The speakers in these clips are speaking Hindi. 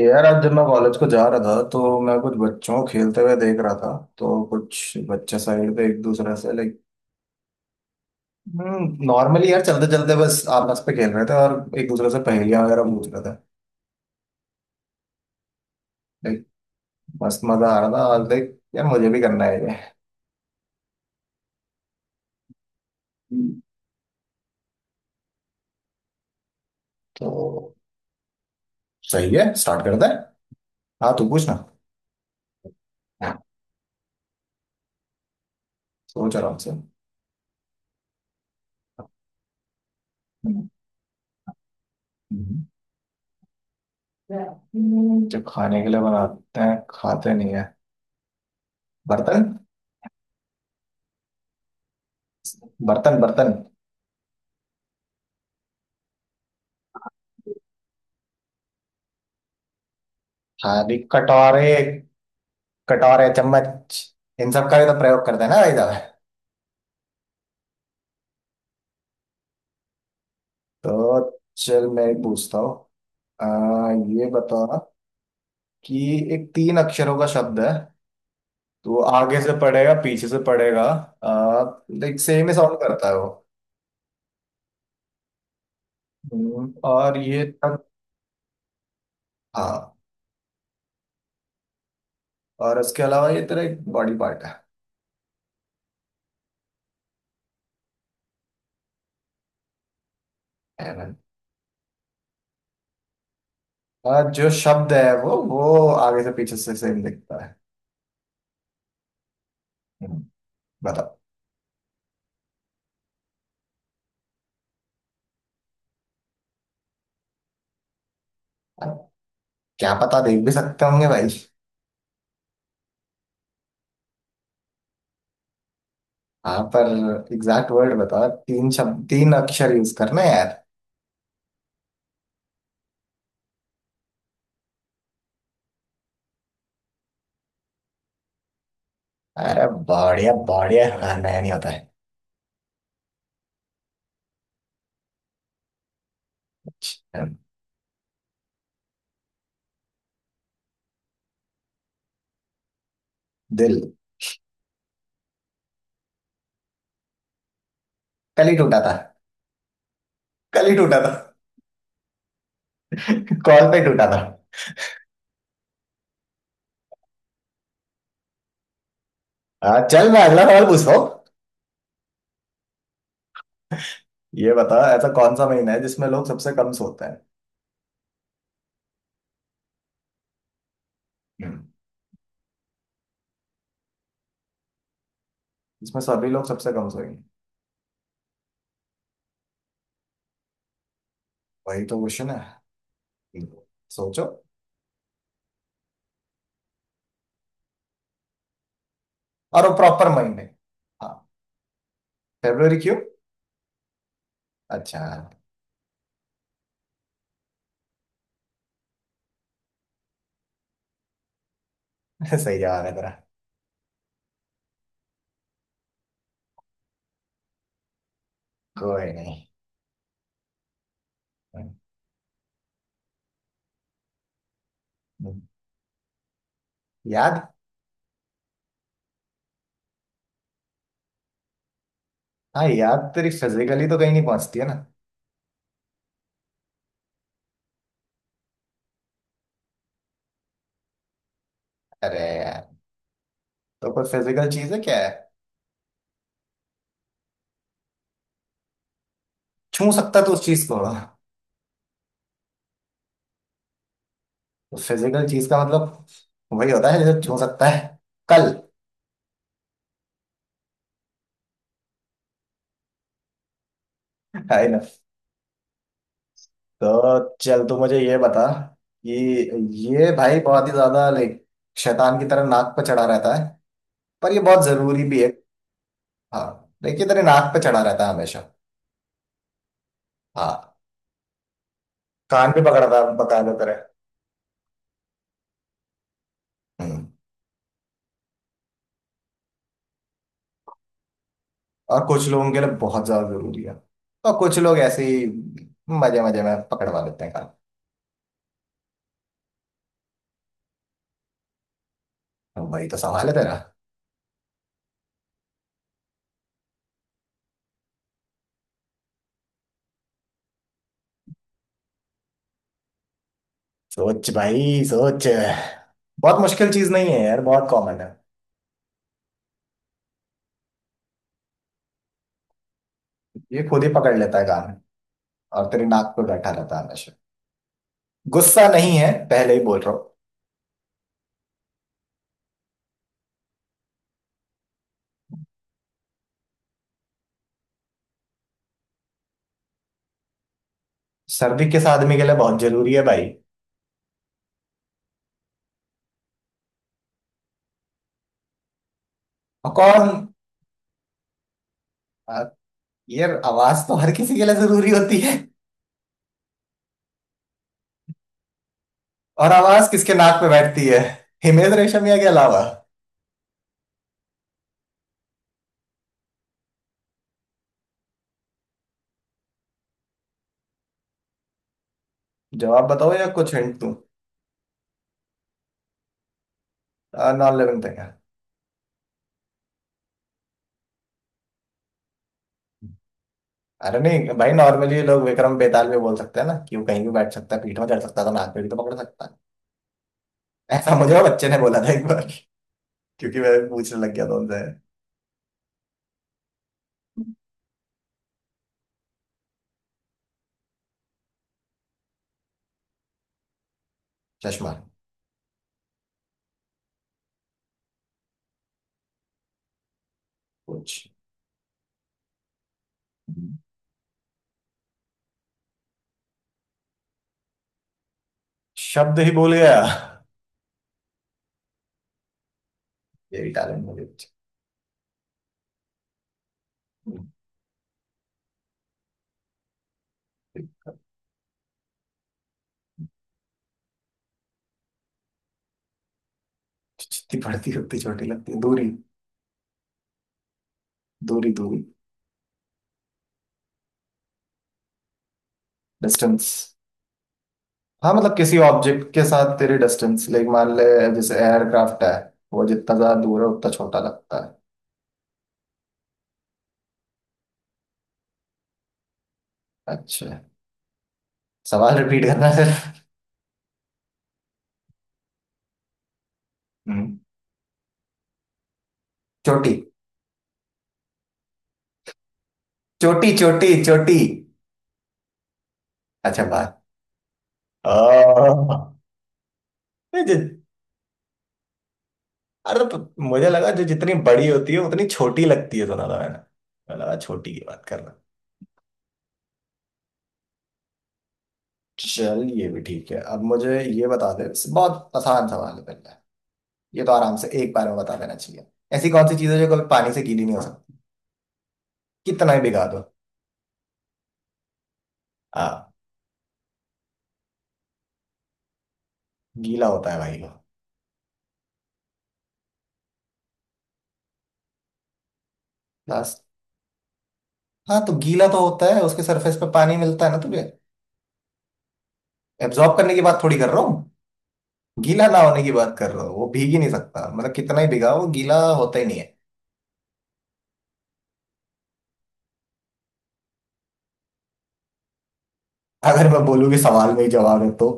यार आज जब मैं कॉलेज को जा रहा था तो मैं कुछ बच्चों को खेलते हुए देख रहा था। तो कुछ बच्चे साइड पे एक दूसरे से लाइक नॉर्मली यार चलते चलते बस आपस पे खेल रहे थे और एक दूसरे से पहेलियां वगैरह पूछ रहे थे। लाइक मस्त मजा आ रहा था और लाइक यार मुझे भी करना है ये। हम्म। तो सही है स्टार्ट करते हैं। हाँ तू पूछ ना। सोच आराम से। हम्म। जो खाने के लिए बनाते हैं खाते नहीं है। बर्तन बर्तन बर्तन। थाली कटोरे कटोरे चम्मच इन सब का भी तो प्रयोग करते हैं ना भाई साहब। तो चल मैं एक पूछता हूँ। आ, ये बता कि एक तीन अक्षरों का शब्द है। तो आगे से पढ़ेगा पीछे से पढ़ेगा। लाइक सेम ही साउंड करता है वो। और ये तक। हाँ और उसके अलावा ये तेरा एक बॉडी पार्ट है। है ना? जो शब्द है वो आगे से पीछे से सेम दिखता है। हम्म, बताओ। क्या पता देख भी सकते होंगे भाई। हाँ पर एग्जैक्ट वर्ड बताओ तीन शब्द तीन अक्षर यूज करना है यार। अरे बढ़िया बढ़िया हाँ नया नहीं होता है। अच्छा, दिल। कल ही टूटा था। कल ही टूटा था। कॉल पे टूटा था। हाँ चल मैं अगला सवाल पूछता हूँ। ये बताओ ऐसा कौन सा महीना है जिसमें लोग सबसे कम सोते हैं। हम्म। जिसमें सभी लोग सबसे कम सोएंगे। वही तो क्वेश्चन है। हम्म। सोचो। और वो प्रॉपर महीने। हाँ फरवरी क्यों। अच्छा। सही जवाब है तेरा। कोई नहीं। हम्म। हम्म। याद। हाँ यार तेरी फिजिकली तो कहीं नहीं पहुंचती है ना। अरे यार। तो कोई फिजिकल चीज है क्या है। छू सकता तो उस चीज को। तो फिजिकल चीज का मतलब वही होता है जैसे छू सकता है। कल। है ना। तो चल तू मुझे ये बता कि ये भाई बहुत ही ज्यादा लाइक शैतान की तरह नाक पर चढ़ा रहता है। पर ये बहुत जरूरी भी है। हाँ। देखिए तेरे नाक पे चढ़ा रहता है हमेशा। हाँ। कान भी पकड़ता है बकायदा तेरे। हम्म, और कुछ लोगों के लिए बहुत ज्यादा जरूरी है। और कुछ लोग ऐसे ही मजे मजे में पकड़वा देते हैं काम। अब वही तो सवाल है तेरा। सोच भाई सोच। बहुत मुश्किल चीज नहीं है यार बहुत कॉमन है। ये खुद ही पकड़ लेता है काम। और तेरी नाक पे बैठा रहता है हमेशा। गुस्सा नहीं है पहले ही बोल रहा हूँ। सर्दी किस आदमी के लिए बहुत जरूरी है भाई। और कौन। आ, यार आवाज तो हर किसी के लिए जरूरी होती है। और आवाज किसके नाक पे बैठती है हिमेश रेशमिया के अलावा। जवाब बताओ या कुछ हिंट दूं? नॉन लिविंग थिंग है। अरे नहीं भाई नॉर्मली लोग विक्रम बेताल भी बोल सकते हैं ना कि वो कहीं भी बैठ सकता है पीठ में चढ़ सकता है तो नाक पे भी तो पकड़ सकता है ऐसा मुझे वो बच्चे ने बोला था एक बार क्योंकि मैं पूछने लग गया था उनसे। चश्मा। कुछ शब्द ही बोल गया। यही टैलेंट मुझे। जितनी बढ़ती उतनी छोटी लगती है। दूरी दूरी दूरी। डिस्टेंस। हाँ मतलब किसी ऑब्जेक्ट के साथ तेरी डिस्टेंस लाइक मान ले जैसे एयरक्राफ्ट है वो जितना ज्यादा दूर है उतना छोटा लगता है। अच्छा। सवाल रिपीट करना है। सर। चोटी चोटी चोटी चोटी। अच्छा बाय। आह, ये जि- अरे तो मुझे लगा जो जितनी बड़ी होती है उतनी छोटी लगती है सुना था मैंने। मैं लगा छोटी की बात करना। चल ये भी ठीक है अब मुझे ये बता दे। बहुत आसान सवाल है पहले। ये तो आराम से एक बार में बता देना चाहिए। ऐसी कौन सी चीज है जो कभी पानी से गीली नहीं हो सकती कितना ही भिगा दो। हाँ। गीला होता है भाई वो। बस। हाँ तो गीला तो होता है उसके सरफेस पे पानी मिलता है ना तुझे। एब्जॉर्ब करने की बात थोड़ी कर रहा हूँ। गीला ना होने की बात कर रहा हूँ वो भीग ही नहीं सकता मतलब कितना ही भिगा वो गीला होता ही नहीं है। अगर मैं बोलूँ कि सवाल में ही जवाब है तो।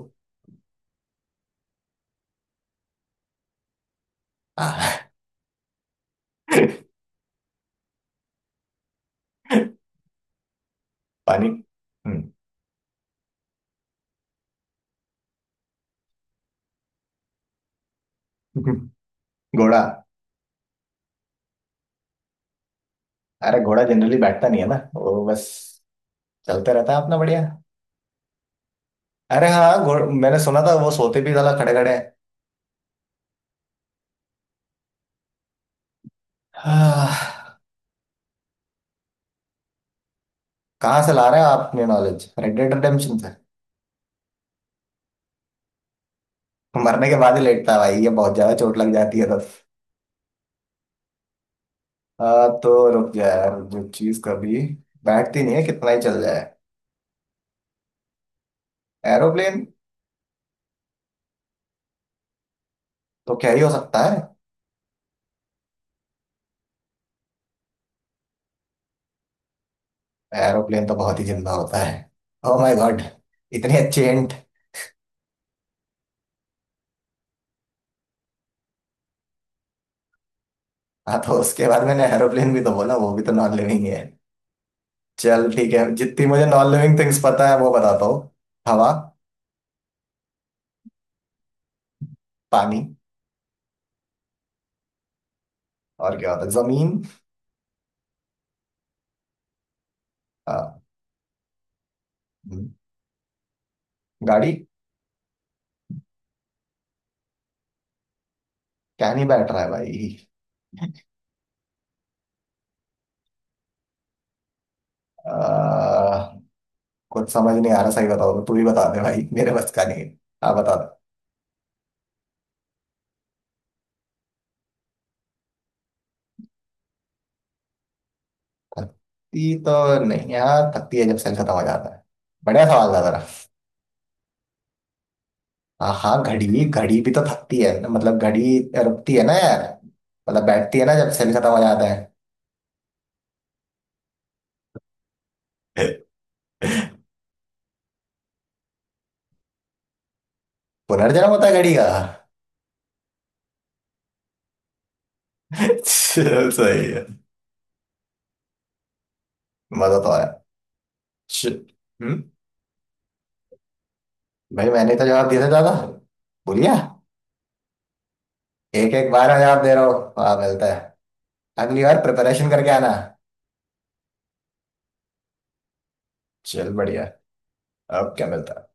हाँ। पानी। हम्म। घोड़ा। अरे घोड़ा जनरली बैठता नहीं है ना वो बस चलते रहता है अपना बढ़िया। अरे हाँ घोड़ मैंने सुना था वो सोते भी साला खड़े खड़े हैं। हाँ, कहाँ से ला रहे हैं आप अपनी नॉलेज रेड डेड रिडेम्पशन से। मरने के बाद ही लेटता है भाई ये बहुत ज्यादा चोट लग जाती है तब। हाँ, तो रुक जा यार जो चीज कभी बैठती नहीं है कितना ही चल जाए। एरोप्लेन। तो क्या ही हो सकता है। एरोप्लेन तो बहुत ही जिंदा होता है। ओ माय गॉड इतनी अच्छी हिंट। हाँ तो उसके बाद मैंने एरोप्लेन भी तो बोला वो भी तो नॉन लिविंग ही है। चल ठीक है जितनी मुझे नॉन लिविंग थिंग्स पता है वो बताता हूँ। हवा। पानी। और क्या होता है जमीन। अ, हम्म, गाड़ी। क्या नहीं बैठ रहा है भाई। अ, कुछ समझ नहीं आ रहा सही बताओ तो तू ही बता दे भाई मेरे बस का नहीं है। हाँ बता दे। थकती तो नहीं है हाँ थकती है जब सेल खत्म हो जाता है। बढ़िया सवाल था जरा। हाँ हाँ घड़ी घड़ी भी तो थकती है मतलब घड़ी रुकती है ना यार। मतलब बैठती है ना जब सेल खत्म हो जाता है। पुनर्जन्म होता है घड़ी का। चल, सही है। मजा तो आया। श- हम्म। भाई मैंने तो जवाब दिया था दादा। भूल गया। एक एक बार में जवाब दे रहा हो। हाँ मिलता है। अगली बार प्रिपरेशन करके आना। चल बढ़िया। अब क्या मिलता है।